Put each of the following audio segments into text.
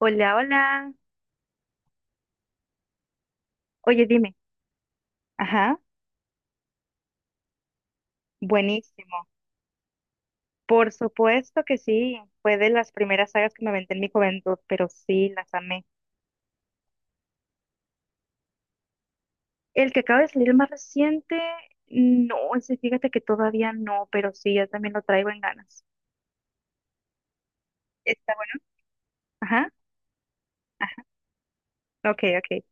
Hola, hola. Oye, dime. Ajá, buenísimo. Por supuesto que sí. Fue de las primeras sagas que me aventé en mi juventud, pero sí, las amé. El que acaba de salir el más reciente, no, ese fíjate que todavía no, pero sí, ya también lo traigo en ganas. Está bueno. Ajá, ok, ok,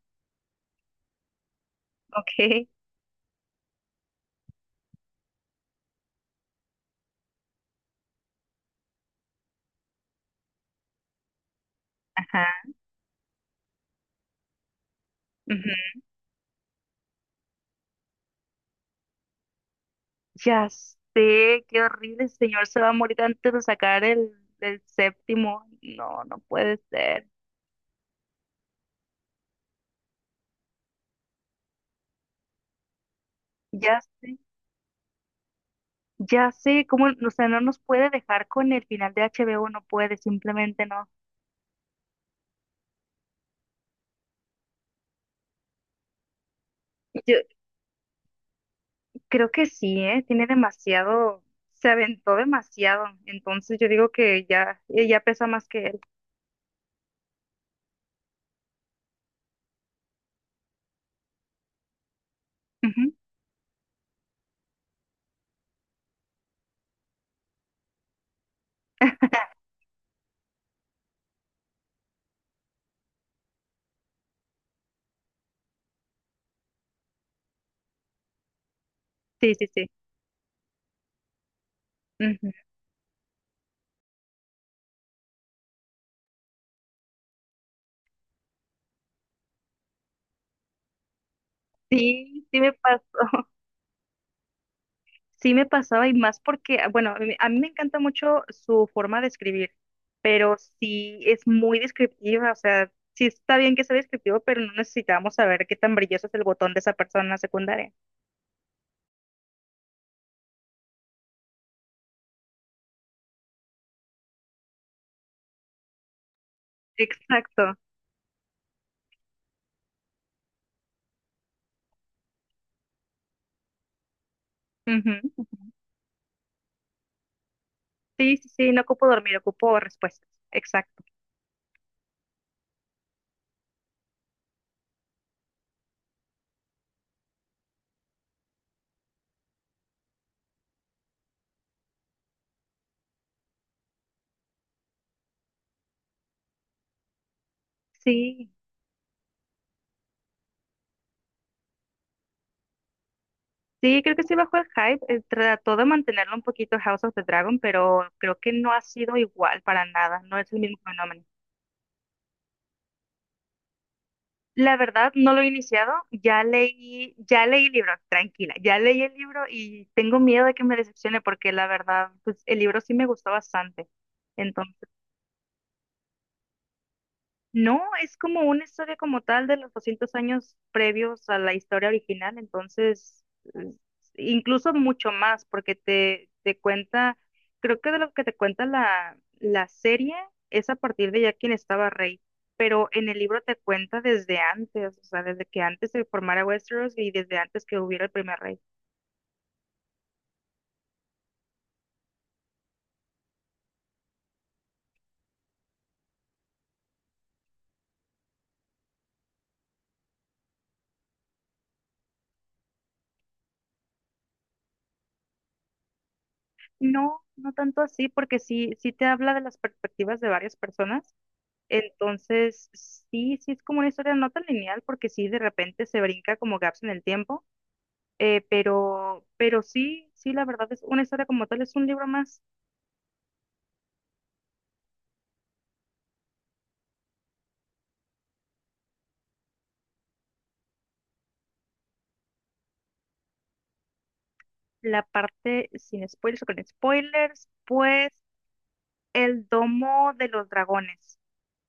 ok, ajá. Ujú. Ya sé, qué horrible, el señor se va a morir antes de sacar el séptimo. No, no puede ser. Ya sé. Ya sé, cómo, o sea, no nos puede dejar con el final de HBO, no puede, simplemente no. Yo creo que sí, ¿eh? Tiene demasiado, se aventó demasiado, entonces yo digo que ya, ella pesa más que él. Ujú, sí, sí, sí. Ujú. Sí, sí me pasó, sí me pasaba y más porque, ah, bueno, a mí me encanta mucho su forma de escribir, pero sí es muy descriptiva, o sea, sí está bien que sea descriptivo, pero no necesitamos saber qué tan brilloso es el botón de esa persona secundaria. Exacto. Ujú. Sí, sí, sí, no ocupo dormir, ocupo respuestas. Exacto. Sí, sí, creo que sí bajó el hype. Trató de mantenerlo un poquito House of the Dragon, pero creo que no ha sido igual para nada. No es el mismo fenómeno. La verdad, no lo he iniciado. Ya leí el libro, tranquila. Ya leí el libro y tengo miedo de que me decepcione porque la verdad, pues el libro sí me gustó bastante. No, es como una historia como tal de los 200 años previos a la historia original, entonces es- incluso mucho más, porque te cuenta, creo que de lo que te cuenta la serie es a partir de ya quien estaba rey, pero en el libro te cuenta desde antes, o sea, desde que antes se formara Westeros y desde antes que hubiera el primer rey. No, no tanto así, porque sí, sí te habla de las perspectivas de varias personas. Entonces, sí, sí es como una historia no tan lineal porque sí de repente se brinca como gaps en el tiempo, pero sí, sí, la verdad es una historia como tal, es un libro más. La parte sin spoilers o con spoilers, pues el domo de los dragones.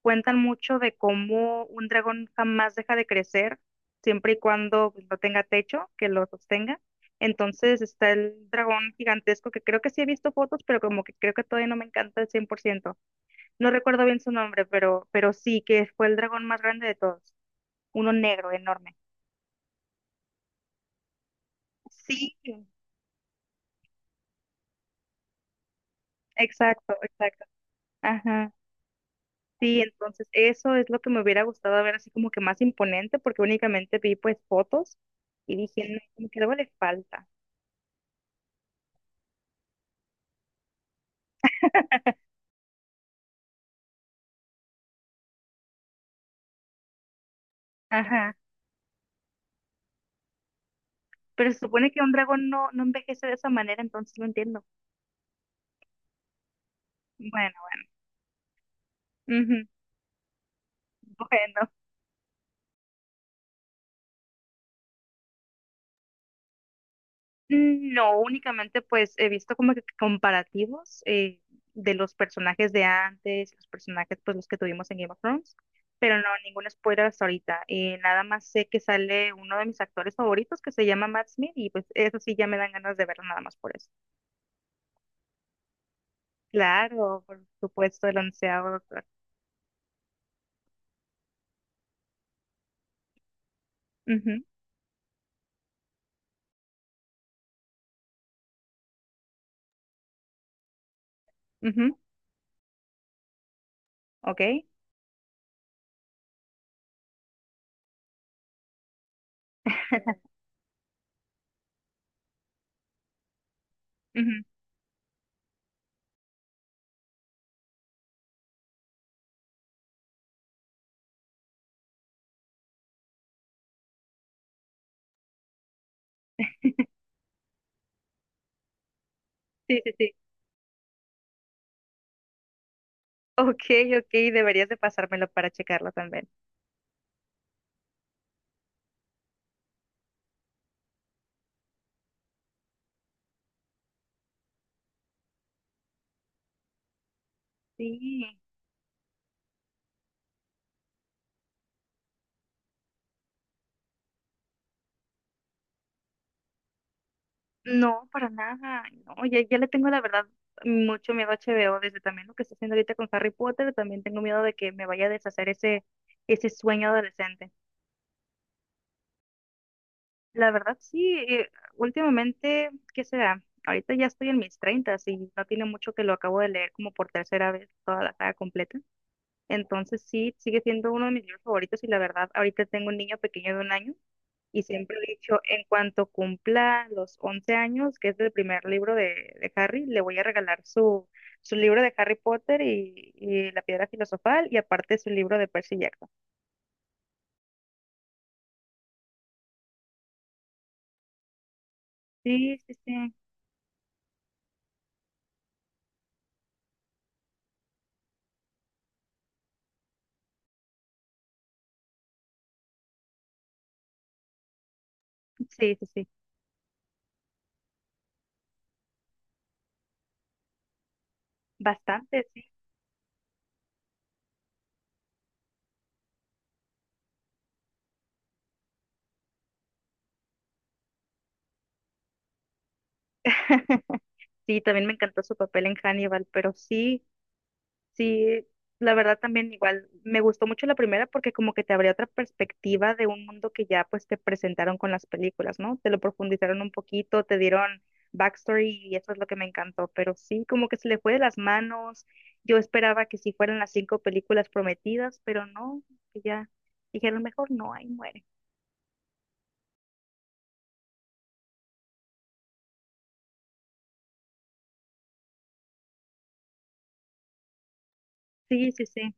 Cuentan mucho de cómo un dragón jamás deja de crecer, siempre y cuando pues, no tenga techo que lo sostenga. Entonces está el dragón gigantesco que creo que sí he visto fotos, pero como que creo que todavía no me encanta al 100%. No recuerdo bien su nombre, pero sí, que fue el dragón más grande de todos. Uno negro, enorme. Sí, exacto, exacto. Ajá. Sí, entonces eso es lo que me hubiera gustado ver así como que más imponente, porque únicamente vi pues fotos y dije, no, como que algo le falta. Ajá. Pero se supone que un dragón no, no envejece de esa manera, entonces no entiendo. Bueno, bueno. Ujú. Bueno. No, únicamente pues he visto como que comparativos de los personajes de antes, los personajes pues los que tuvimos en Game of Thrones, pero no, ningún spoiler hasta ahorita. Nada más sé que sale uno de mis actores favoritos que se llama Matt Smith y pues eso sí ya me dan ganas de verlo nada más por eso. Claro, por supuesto, el onceavo doctor. Ujú, ujú, ok, ujú, sí, sí, sí. Ok, ok, deberías de pasármelo para checarlo también. Sí. No, para nada. No, ya, ya le tengo la verdad mucho miedo a HBO, desde también lo que está haciendo ahorita con Harry Potter, también tengo miedo de que me vaya a deshacer ese sueño adolescente. La verdad, sí, últimamente, ¿qué será? Ahorita ya estoy en mis treintas y no tiene mucho que lo acabo de leer como por tercera vez toda la saga completa. Entonces sí, sigue siendo uno de mis libros favoritos y la verdad, ahorita tengo un niño pequeño de 1 año. Y siempre he dicho, en cuanto cumpla los 11 años, que es el primer libro de Harry, le voy a regalar su libro de Harry Potter y la Piedra Filosofal y aparte su libro de Percy Jackson. Sí, sí, sí, sí, sí, sí, bastante, sí. Sí, también me encantó su papel en Hannibal, pero sí, sí, la verdad también igual me gustó mucho la primera porque como que te abría otra perspectiva de un mundo que ya pues te presentaron con las películas, ¿no? Te lo profundizaron un poquito, te dieron backstory y eso es lo que me encantó, pero sí, como que se le fue de las manos. Yo esperaba que sí fueran las cinco películas prometidas, pero no, que ya dijeron mejor no, ahí muere. Sí, sí, sí,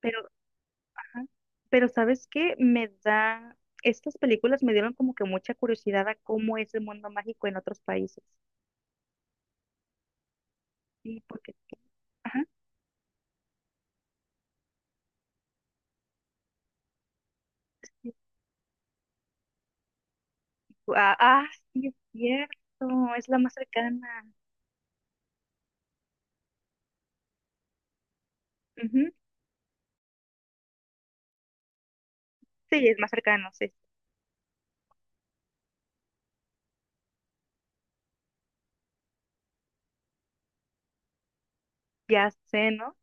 pero, ajá. Pero ¿sabes qué? Me da, estas películas me dieron como que mucha curiosidad a cómo es el mundo mágico en otros países. Sí, porque ajá. Sí. Ah, ah, sí, es cierto, es la más cercana. Ujú, sí, es más cercano, sí. Ya sé, ¿no?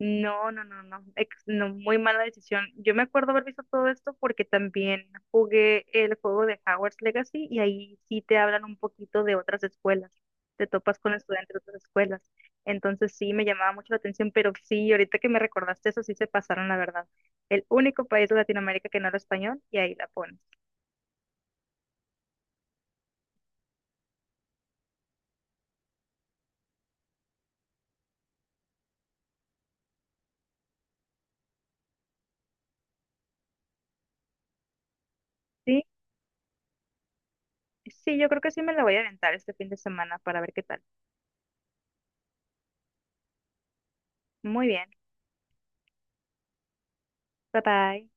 No, no, no, no, no, muy mala decisión. Yo me acuerdo haber visto todo esto porque también jugué el juego de Hogwarts Legacy y ahí sí te hablan un poquito de otras escuelas. Te topas con estudiantes de otras escuelas. Entonces sí me llamaba mucho la atención, pero sí, ahorita que me recordaste eso, sí se pasaron, la verdad. El único país de Latinoamérica que no habla español y ahí la pones. Sí. Sí, yo creo que sí me la voy a aventar este fin de semana para ver qué tal. Muy bien. Bye bye.